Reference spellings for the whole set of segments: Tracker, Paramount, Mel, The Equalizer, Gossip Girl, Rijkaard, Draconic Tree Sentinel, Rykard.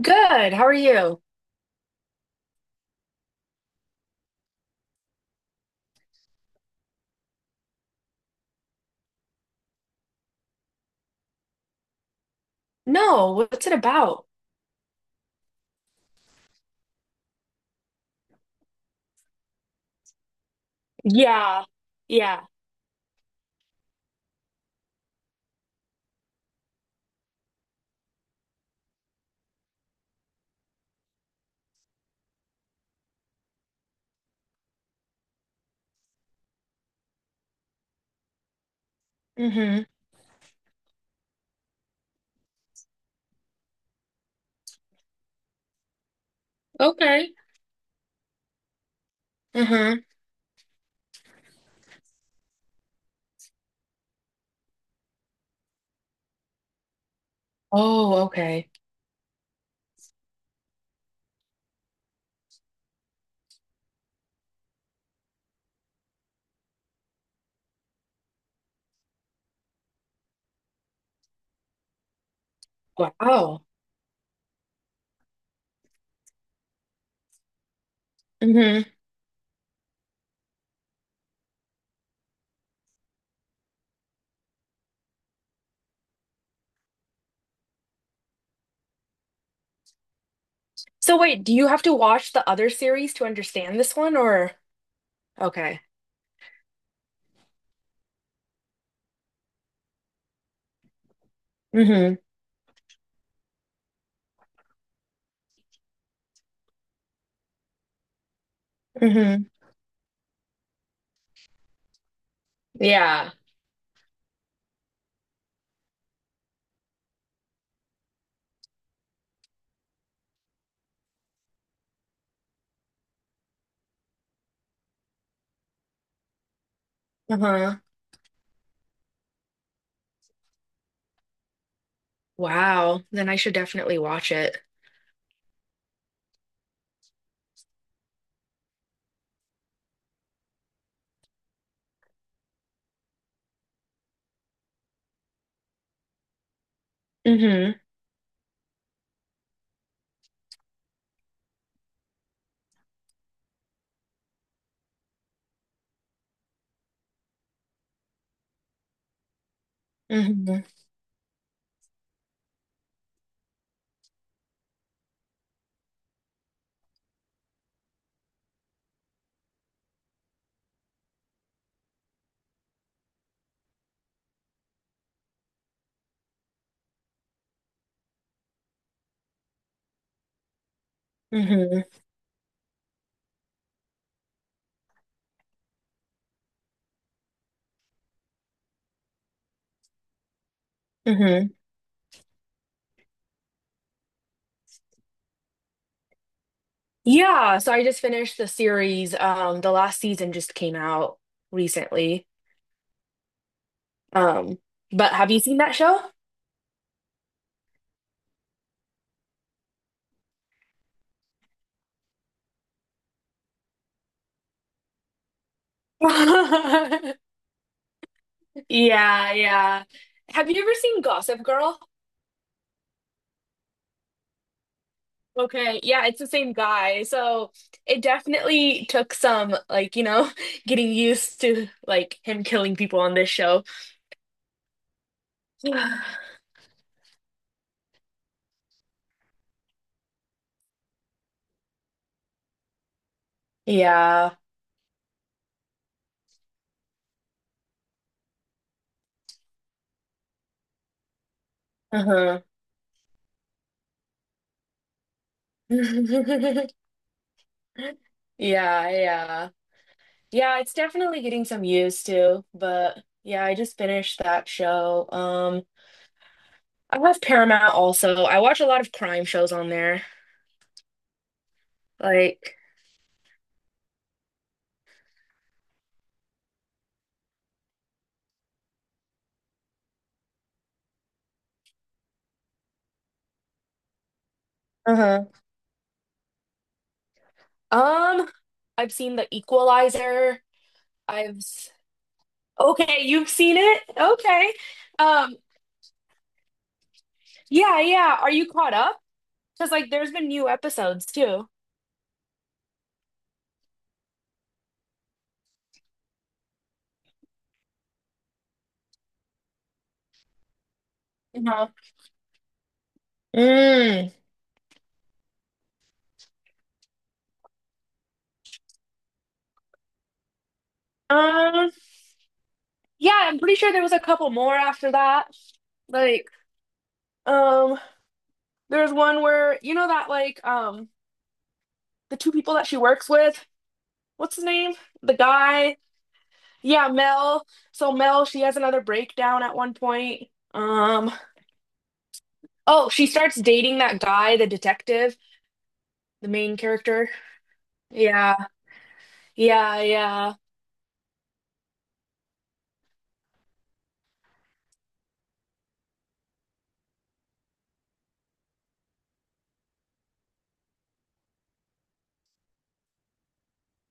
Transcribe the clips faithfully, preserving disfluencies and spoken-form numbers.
Good. How are you? No, what's it about? Yeah. Yeah. Mm-hmm. Okay. Mm-hmm. Oh, okay. Wow. Mm-hmm. So wait, do you have to watch the other series to understand this one, or? Okay. Mm-hmm. Mm-hmm. Yeah. Uh-huh. Wow. Then I should definitely watch it. Mm-hmm. Mm-hmm. Mm-hmm. Mm-hmm. Yeah, so I just finished the series. Um, the last season just came out recently. Um, but have you seen that show? Yeah, yeah. Have you ever seen Gossip Girl? Okay, yeah, it's the same guy. So it definitely took some, like, you know, getting used to like him killing people on this show. Yeah. Uh-huh. Yeah, yeah. Yeah, it's definitely getting some used to, but yeah, I just finished that show. Um, I love Paramount also. I watch a lot of crime shows on there. Like, uh-huh. Um, I've seen The Equalizer. I've s- okay, you've seen it? Okay. Um, yeah, yeah. Are you caught up? Because like there's been new episodes too. No. Mm. Um, yeah, I'm pretty sure there was a couple more after that. Like, um, there's one where you know that like um the two people that she works with, what's his name? The guy. Yeah, Mel. So Mel, she has another breakdown at one point. Um Oh, she starts dating that guy, the detective, the main character. Yeah, yeah, yeah,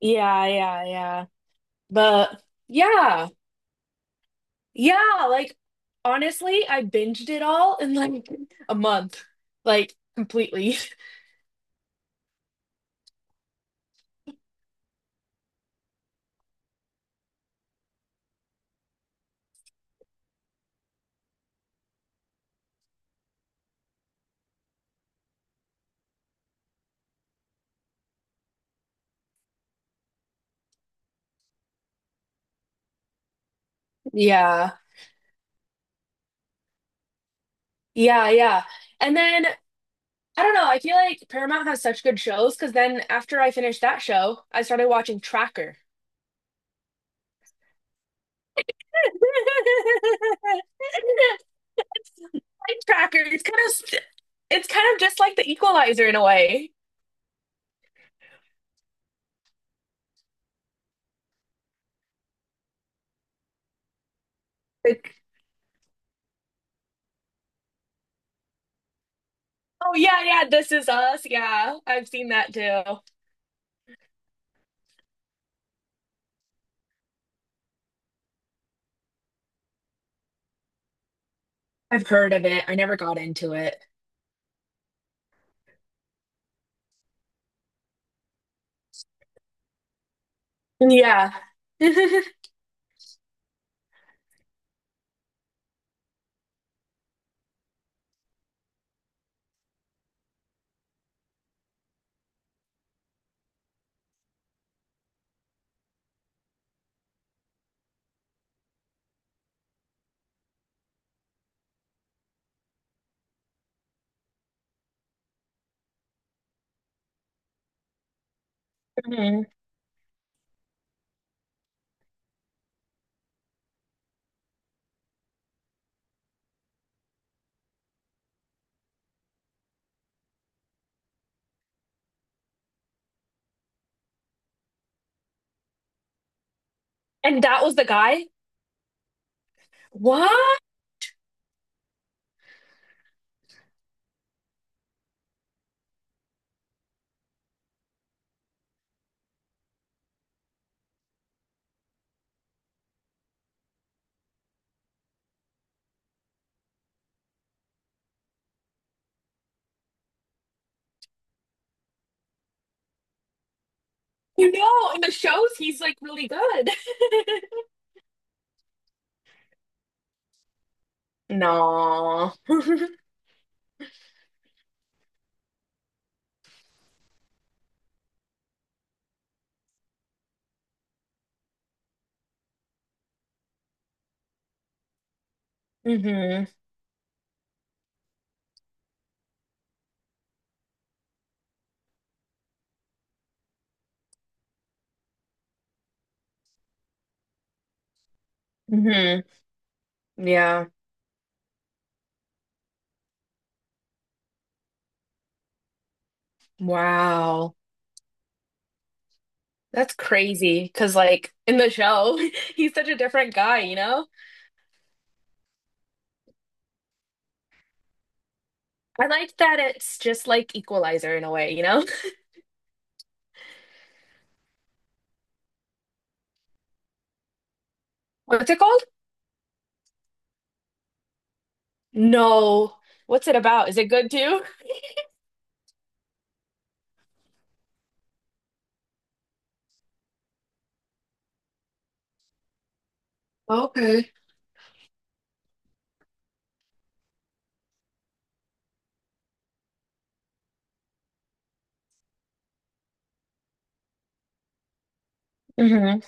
yeah, yeah, yeah. But yeah, yeah, like honestly, I binged it all in like a month, like completely. Yeah, yeah, yeah. And then I don't know, I feel like Paramount has such good shows because then after I finished that show, I started watching Tracker. Life tracker. It's kind of st- it's kind of just like the Equalizer in a way. Like, oh yeah, yeah, this is us. Yeah, I've seen that too. I've heard of it. I never got into it. Yeah. Mhm. And that was the guy? What? You know, in the shows he's like really good. No. hmm hmm Yeah. Wow. That's crazy because, like, in the show, he's such a different guy, you know? I like that it's just like Equalizer in a way, you know? What's it called? No. What's it about? Is it good too? Okay. hmm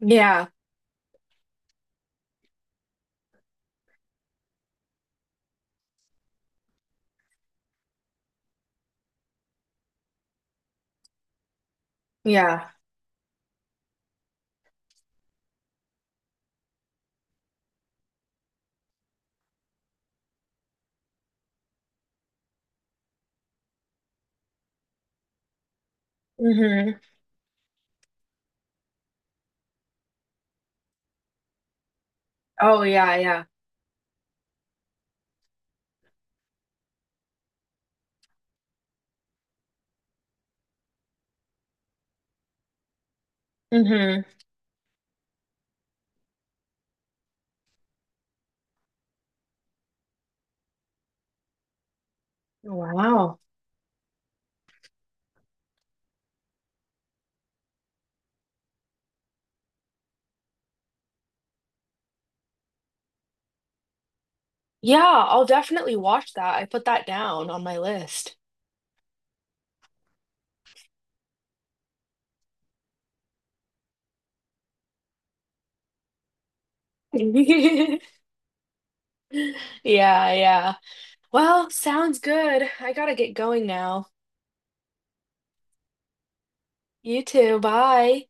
Yeah. Yeah. hmm Oh, yeah. Yeah. hmm Wow. Yeah, I'll definitely watch that. I put that down on my list. Yeah, yeah. Well, sounds good. I gotta get going now. You too. Bye.